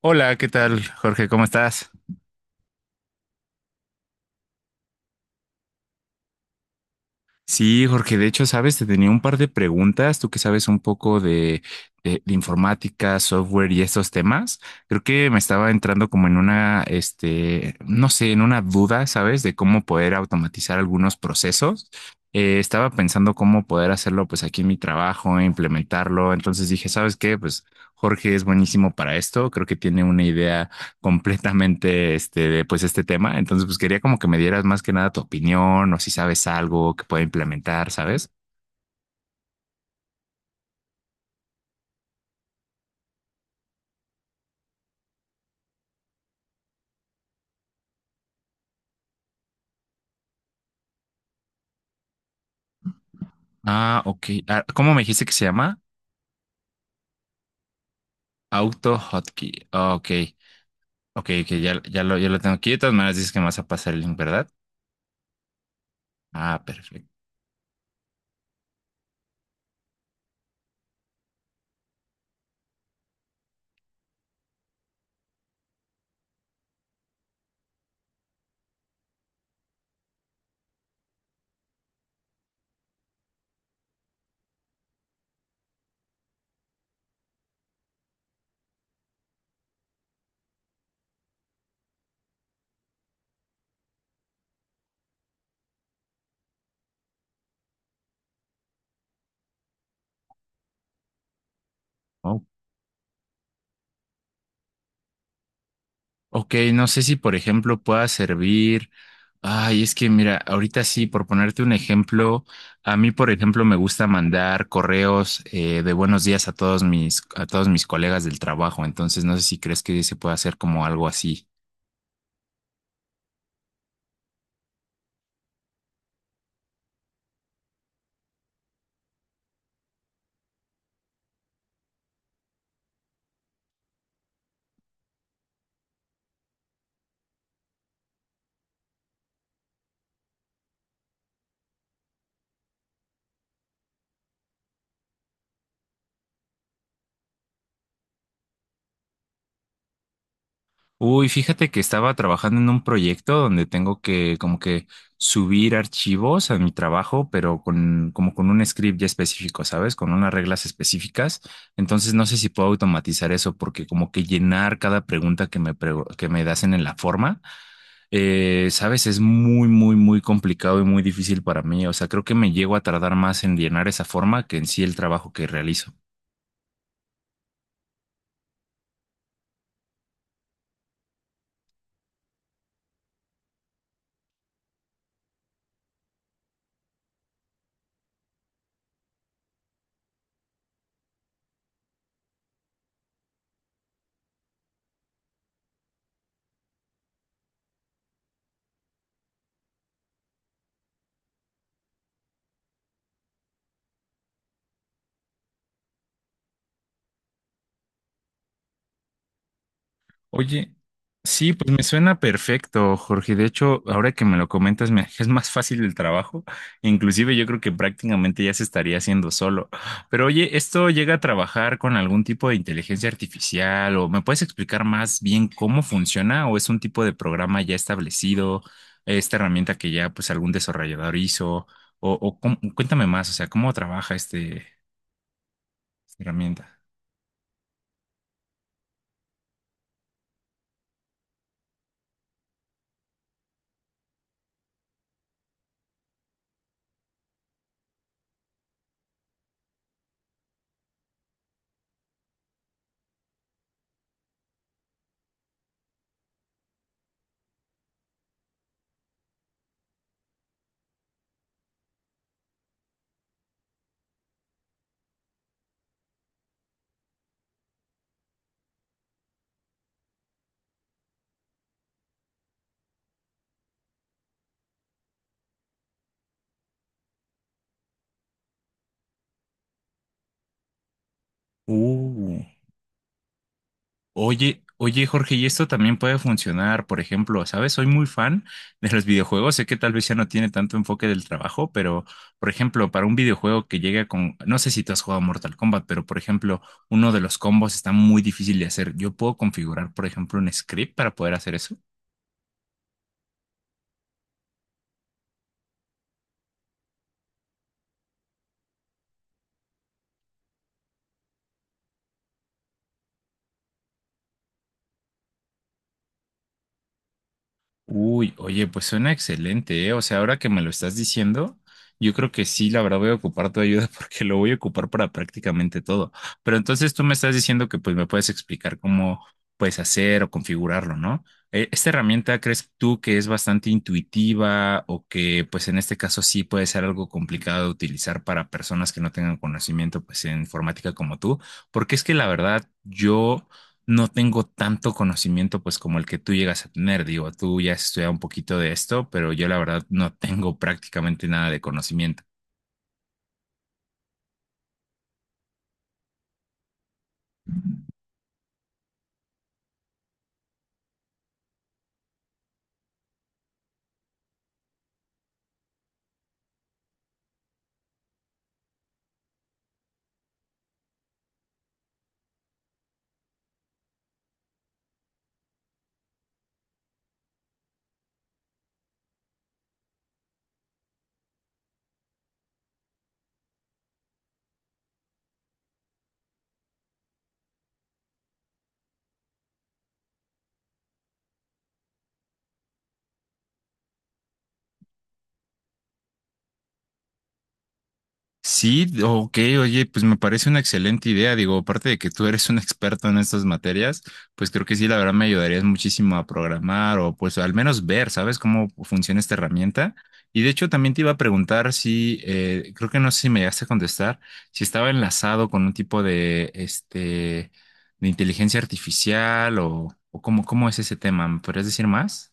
Hola, ¿qué tal, Jorge? ¿Cómo estás? Sí, Jorge, de hecho, sabes, te tenía un par de preguntas, tú que sabes un poco de, de informática, software y esos temas. Creo que me estaba entrando como en una, no sé, en una duda, ¿sabes? De cómo poder automatizar algunos procesos. Estaba pensando cómo poder hacerlo, pues, aquí en mi trabajo, implementarlo. Entonces dije, ¿sabes qué? Pues Jorge es buenísimo para esto. Creo que tiene una idea completamente pues este tema. Entonces, pues quería como que me dieras más que nada tu opinión o si sabes algo que pueda implementar, ¿sabes? Ah, ok. Ah, ¿cómo me dijiste que se llama? Auto Hotkey. Ah, ok. Ok, que ya, ya lo tengo aquí. De todas maneras, dices que me vas a pasar el link, ¿verdad? Ah, perfecto. Ok, no sé si por ejemplo pueda servir. Ay, es que mira, ahorita sí, por ponerte un ejemplo, a mí por ejemplo me gusta mandar correos de buenos días a todos mis colegas del trabajo, entonces no sé si crees que se pueda hacer como algo así. Uy, fíjate que estaba trabajando en un proyecto donde tengo que como que subir archivos a mi trabajo, pero con como con un script ya específico, ¿sabes? Con unas reglas específicas. Entonces no sé si puedo automatizar eso porque como que llenar cada pregunta que que me hacen en la forma, ¿sabes? Es muy, muy, muy complicado y muy difícil para mí. O sea, creo que me llego a tardar más en llenar esa forma que en sí el trabajo que realizo. Oye, sí, pues me suena perfecto, Jorge. De hecho, ahora que me lo comentas, me es más fácil el trabajo. Inclusive yo creo que prácticamente ya se estaría haciendo solo. Pero oye, ¿esto llega a trabajar con algún tipo de inteligencia artificial? ¿O me puedes explicar más bien cómo funciona? ¿O es un tipo de programa ya establecido? ¿Esta herramienta que ya pues algún desarrollador hizo? O, cuéntame más, o sea, ¿cómo trabaja este, esta herramienta? Uh. Oye, oye, Jorge, y esto también puede funcionar, por ejemplo, ¿sabes? Soy muy fan de los videojuegos, sé que tal vez ya no tiene tanto enfoque del trabajo, pero, por ejemplo, para un videojuego que llega con, no sé si tú has jugado Mortal Kombat, pero, por ejemplo, uno de los combos está muy difícil de hacer. Yo puedo configurar, por ejemplo, un script para poder hacer eso. Uy, oye, pues suena excelente, ¿eh? O sea, ahora que me lo estás diciendo, yo creo que sí, la verdad voy a ocupar tu ayuda porque lo voy a ocupar para prácticamente todo. Pero entonces tú me estás diciendo que pues me puedes explicar cómo puedes hacer o configurarlo, ¿no? ¿Esta herramienta crees tú que es bastante intuitiva o que pues en este caso sí puede ser algo complicado de utilizar para personas que no tengan conocimiento pues en informática como tú? Porque es que la verdad yo no tengo tanto conocimiento pues como el que tú llegas a tener. Digo, tú ya has estudiado un poquito de esto, pero yo la verdad no tengo prácticamente nada de conocimiento. Sí, ok, oye, pues me parece una excelente idea. Digo, aparte de que tú eres un experto en estas materias, pues creo que sí, la verdad me ayudarías muchísimo a programar o pues al menos ver, ¿sabes cómo funciona esta herramienta? Y de hecho también te iba a preguntar si, creo que no sé si me llegaste a contestar, si estaba enlazado con un tipo de, de inteligencia artificial o cómo, cómo es ese tema. ¿Me podrías decir más?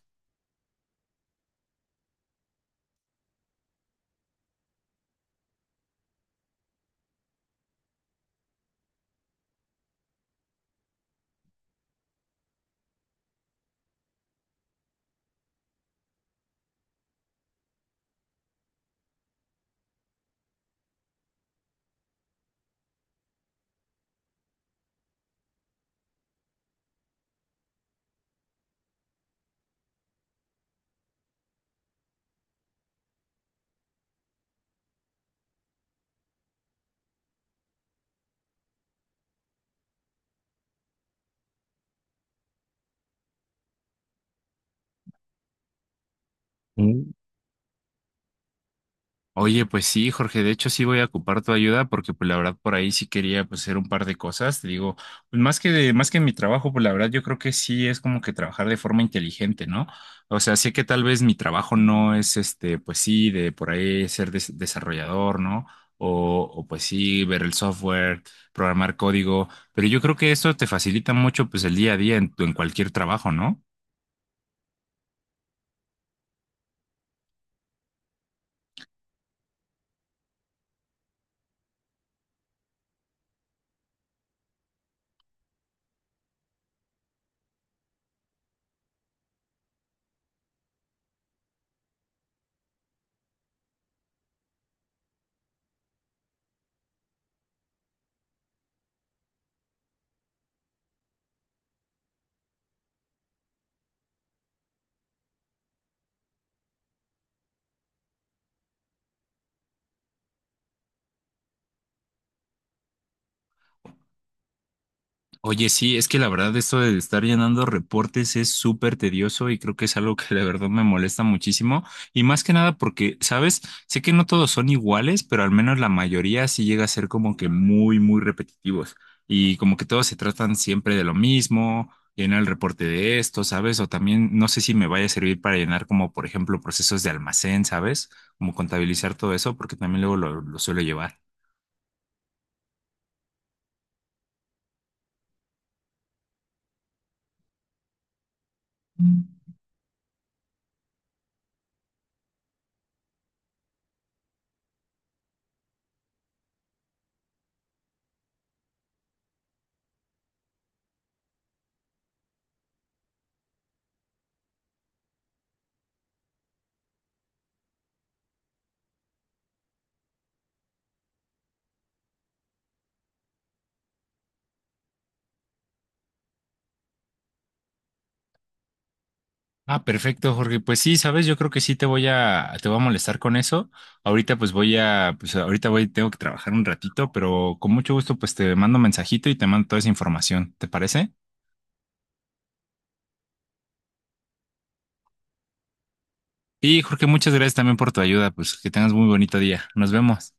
Oye, pues sí, Jorge, de hecho sí voy a ocupar tu ayuda porque pues la verdad por ahí sí quería pues hacer un par de cosas, te digo, pues más que de, más que mi trabajo, pues la verdad yo creo que sí es como que trabajar de forma inteligente, ¿no? O sea, sé que tal vez mi trabajo no es este, pues sí, de por ahí desarrollador, ¿no? O pues sí, ver el software, programar código, pero yo creo que esto te facilita mucho pues el día a día en cualquier trabajo, ¿no? Oye, sí, es que la verdad esto de estar llenando reportes es súper tedioso y creo que es algo que la verdad me molesta muchísimo. Y más que nada porque, ¿sabes? Sé que no todos son iguales, pero al menos la mayoría sí llega a ser como que muy, muy repetitivos. Y como que todos se tratan siempre de lo mismo, llenar el reporte de esto, ¿sabes? O también no sé si me vaya a servir para llenar como, por ejemplo, procesos de almacén, ¿sabes? Como contabilizar todo eso, porque también luego lo suelo llevar. Ah, perfecto, Jorge. Pues sí, sabes, yo creo que sí te voy a molestar con eso. Ahorita pues ahorita voy, tengo que trabajar un ratito, pero con mucho gusto pues te mando un mensajito y te mando toda esa información, ¿te parece? Y Jorge, muchas gracias también por tu ayuda, pues que tengas muy bonito día. Nos vemos.